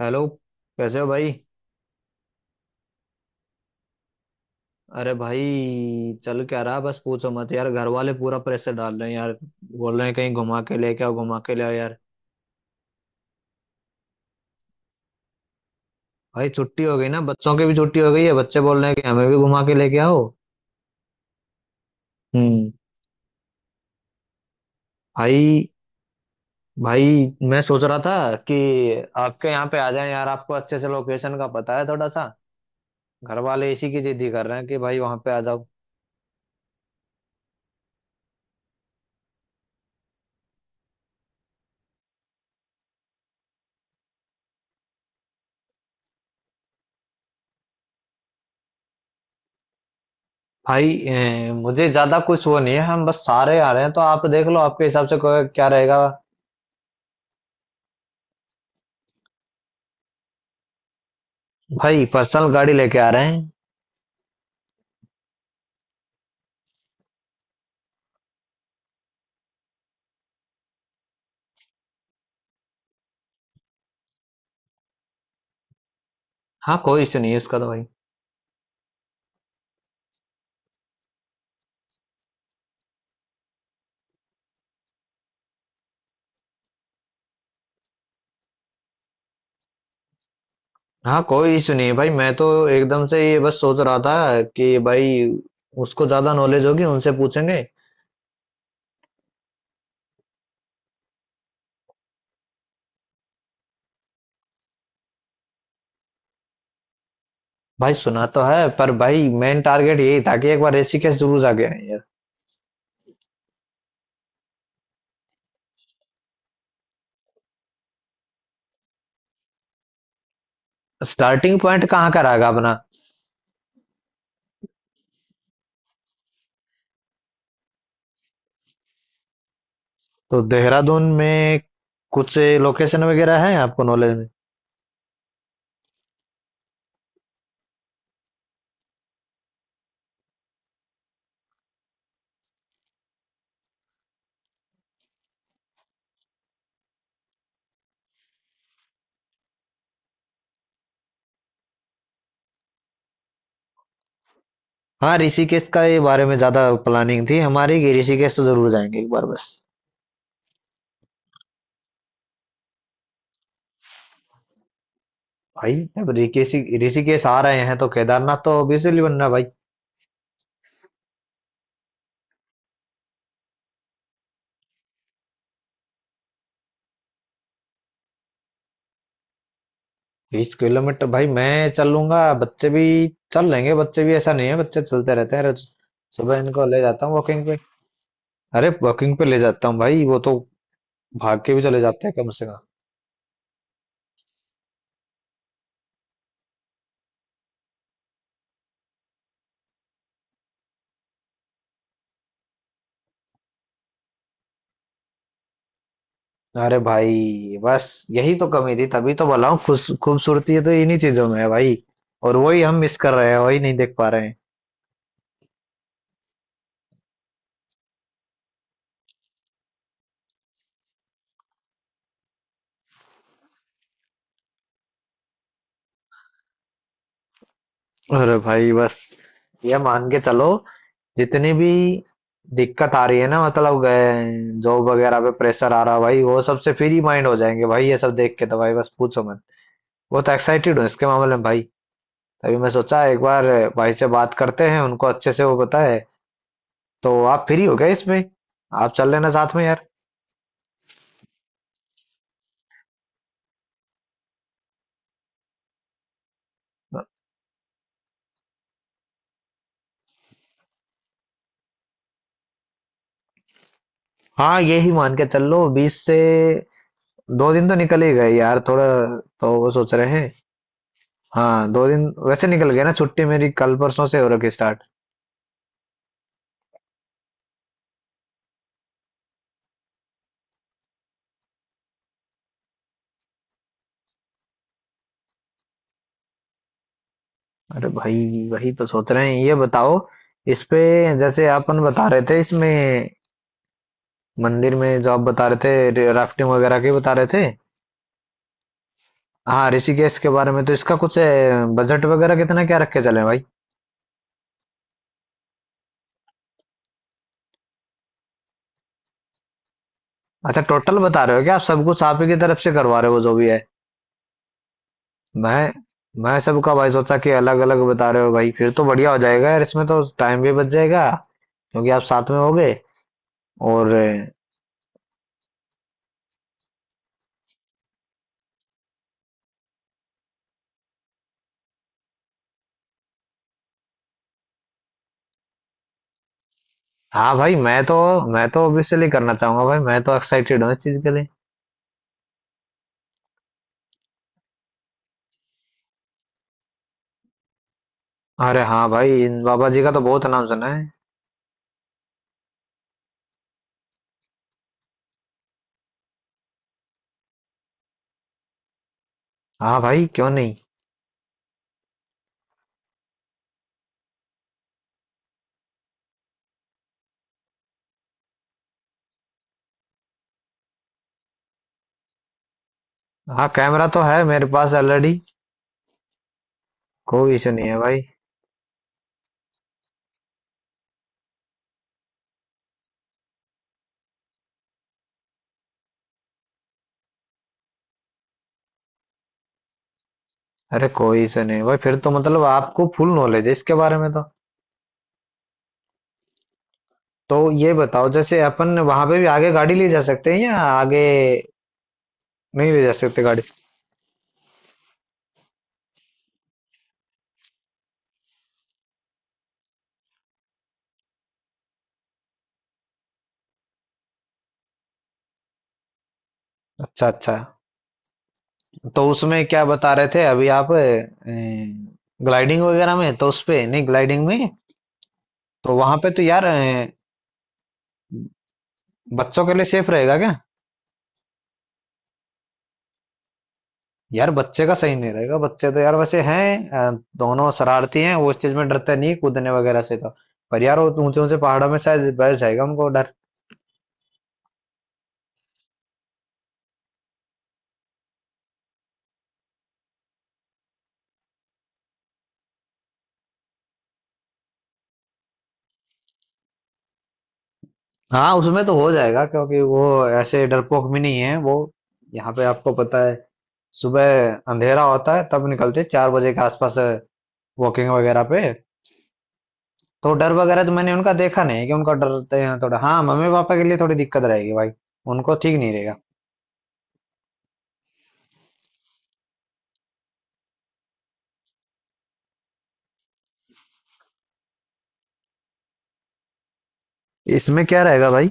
Hello. कैसे हो भाई? अरे भाई चल क्या रहा है? बस पूछो मत यार, घर वाले पूरा प्रेशर डाल रहे हैं यार। बोल रहे हैं कहीं घुमा के लेके आओ, घुमा के ले आओ यार। भाई छुट्टी हो गई ना, बच्चों की भी छुट्टी हो गई है। बच्चे बोल रहे हैं कि हमें भी घुमा के लेके आओ। हम्म। भाई भाई मैं सोच रहा था कि आपके यहाँ पे आ जाए यार, आपको अच्छे से लोकेशन का पता है थोड़ा सा। घर वाले इसी की जिद ही कर रहे हैं कि भाई वहां पे आ जाओ। भाई मुझे ज्यादा कुछ वो नहीं है, हम बस सारे आ रहे हैं तो आप देख लो आपके हिसाब से क्या रहेगा। भाई पर्सनल गाड़ी लेके आ रहे हैं। हाँ कोई इशू नहीं है उसका तो भाई। हाँ कोई इशू नहीं है भाई, मैं तो एकदम से ये बस सोच रहा था कि भाई उसको ज़्यादा नॉलेज होगी, उनसे पूछेंगे। भाई सुना तो है, पर भाई मेन टारगेट यही था कि एक बार ऋषिकेश जरूर जाके आए यार। स्टार्टिंग पॉइंट कहाँ का रहेगा अपना? तो देहरादून में कुछ लोकेशन वगैरह है आपको नॉलेज में? हाँ ऋषिकेश का ये बारे में ज्यादा प्लानिंग थी हमारी कि ऋषिकेश तो जरूर जाएंगे एक बार बस। भाई जब ऋषिकेश ऋषिकेश आ रहे हैं तो केदारनाथ तो ऑब्वियसली बनना है भाई। 20 किलोमीटर भाई मैं चल लूंगा। बच्चे भी चल लेंगे, बच्चे भी ऐसा नहीं है, बच्चे चलते रहते हैं रोज। सुबह इनको ले जाता हूँ वॉकिंग पे। अरे वॉकिंग पे ले जाता हूँ भाई, वो तो भाग के भी चले जाते हैं कम से कम। अरे भाई बस यही तो कमी थी, तभी तो बोला हूँ खुश, खूबसूरती है तो इन्हीं चीजों में है भाई। और वही हम मिस कर रहे हैं, वही नहीं देख पा रहे हैं। अरे भाई बस ये मान के चलो, जितनी भी दिक्कत आ रही है ना, मतलब गए, जॉब वगैरह पे प्रेशर आ रहा है भाई, वो सबसे फ्री माइंड हो जाएंगे भाई ये सब देख के। तो भाई बस पूछो मत, बहुत एक्साइटेड हूँ इसके मामले में भाई। तभी मैं सोचा एक बार भाई से बात करते हैं, उनको अच्छे से वो बताए। तो आप फ्री हो गए इसमें आप चल लेना साथ में यार। हाँ ये ही मान के चल लो, 20 से 2 दिन तो निकल ही गए यार थोड़ा, तो वो सोच रहे हैं। हाँ 2 दिन वैसे निकल गए ना, छुट्टी मेरी कल परसों से हो रखी स्टार्ट। अरे भाई वही तो सोच रहे हैं, ये बताओ इस पे, जैसे अपन बता रहे थे इसमें मंदिर में जो आप बता रहे थे, राफ्टिंग वगैरह के बता रहे थे। हाँ ऋषिकेश के बारे में तो इसका कुछ बजट वगैरह कितना क्या रख के चले भाई? अच्छा टोटल बता रहे हो क्या, आप सब कुछ आप ही की तरफ से करवा रहे हो जो भी है? मैं मैं सबका भाई सोचा कि अलग अलग बता रहे हो भाई, फिर तो बढ़िया हो जाएगा यार इसमें, तो टाइम भी बच जाएगा क्योंकि आप साथ में होगे। और हाँ भाई, मैं तो ऑब्वियसली करना चाहूंगा भाई, मैं तो एक्साइटेड हूँ इस चीज के लिए। अरे हाँ भाई इन बाबा जी का तो बहुत नाम सुना है। हाँ भाई क्यों नहीं। हाँ कैमरा तो है मेरे पास ऑलरेडी, कोई इशू नहीं है भाई। अरे कोई इशू नहीं है भाई, फिर तो मतलब आपको फुल नॉलेज है इसके बारे में तो। तो ये बताओ जैसे अपन वहां पे भी आगे गाड़ी ले जा सकते हैं या आगे नहीं ले जा सकते गाड़ी? अच्छा अच्छा। तो उसमें क्या बता रहे थे अभी आप, ग्लाइडिंग वगैरह में? तो उसपे नहीं ग्लाइडिंग में? तो वहां पे तो यार बच्चों के लिए सेफ रहेगा क्या? यार बच्चे का सही नहीं रहेगा, बच्चे तो यार वैसे हैं दोनों शरारती हैं, वो इस चीज में डरते नहीं कूदने वगैरह से तो। पर यार वो ऊंचे ऊंचे पहाड़ों में शायद बैठ जाएगा उनको डर। हाँ उसमें तो हो जाएगा, क्योंकि वो ऐसे डरपोक भी नहीं है वो। यहाँ पे आपको पता है, सुबह अंधेरा होता है तब निकलते हैं, 4 बजे के आसपास, वॉकिंग वगैरह पे। तो डर वगैरह तो मैंने उनका देखा नहीं है कि उनका डरते हैं थोड़ा। हाँ मम्मी पापा के लिए थोड़ी दिक्कत रहेगी भाई, उनको ठीक नहीं रहेगा। इसमें क्या रहेगा भाई?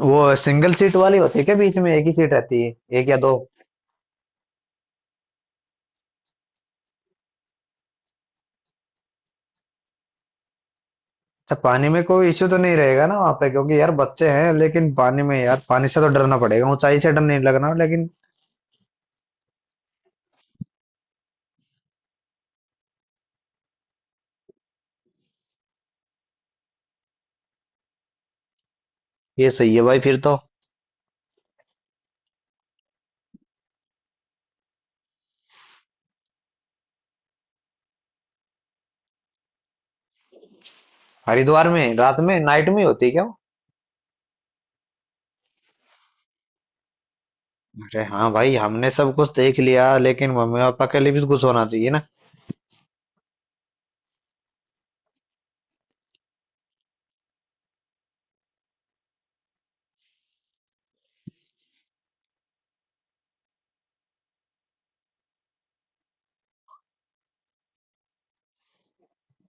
वो सिंगल सीट वाली होती है क्या, बीच में एक ही सीट रहती है? एक या दो? अच्छा पानी में कोई इश्यू तो नहीं रहेगा ना वहाँ पे, क्योंकि यार बच्चे हैं लेकिन। पानी में यार पानी से तो डरना पड़ेगा, ऊंचाई से डर नहीं लगना लेकिन। ये सही है भाई फिर तो। हरिद्वार में रात में नाइट में होती है क्या वो? अरे हाँ भाई हमने सब कुछ देख लिया, लेकिन मम्मी पापा के लिए भी कुछ होना चाहिए ना।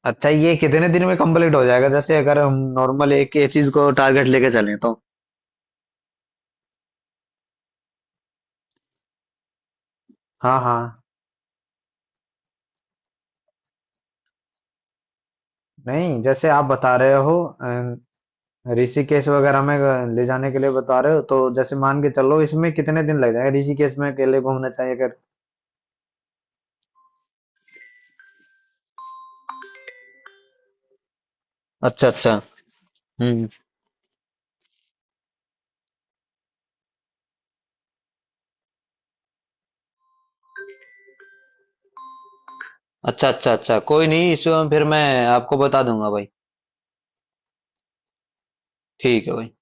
अच्छा ये कितने दिन में कंप्लीट हो जाएगा, जैसे अगर हम नॉर्मल एक ही चीज को टारगेट लेके चलें तो? हाँ हाँ, नहीं जैसे आप बता रहे हो अं, ऋषिकेश वगैरह में ले जाने के लिए बता रहे हो, तो जैसे मान के चलो इसमें कितने दिन लग जाएंगे ऋषिकेश में अकेले घूमना चाहिए अगर? अच्छा अच्छा। हम्म। अच्छा अच्छा अच्छा कोई नहीं इस, फिर मैं आपको बता दूंगा भाई। ठीक है भाई।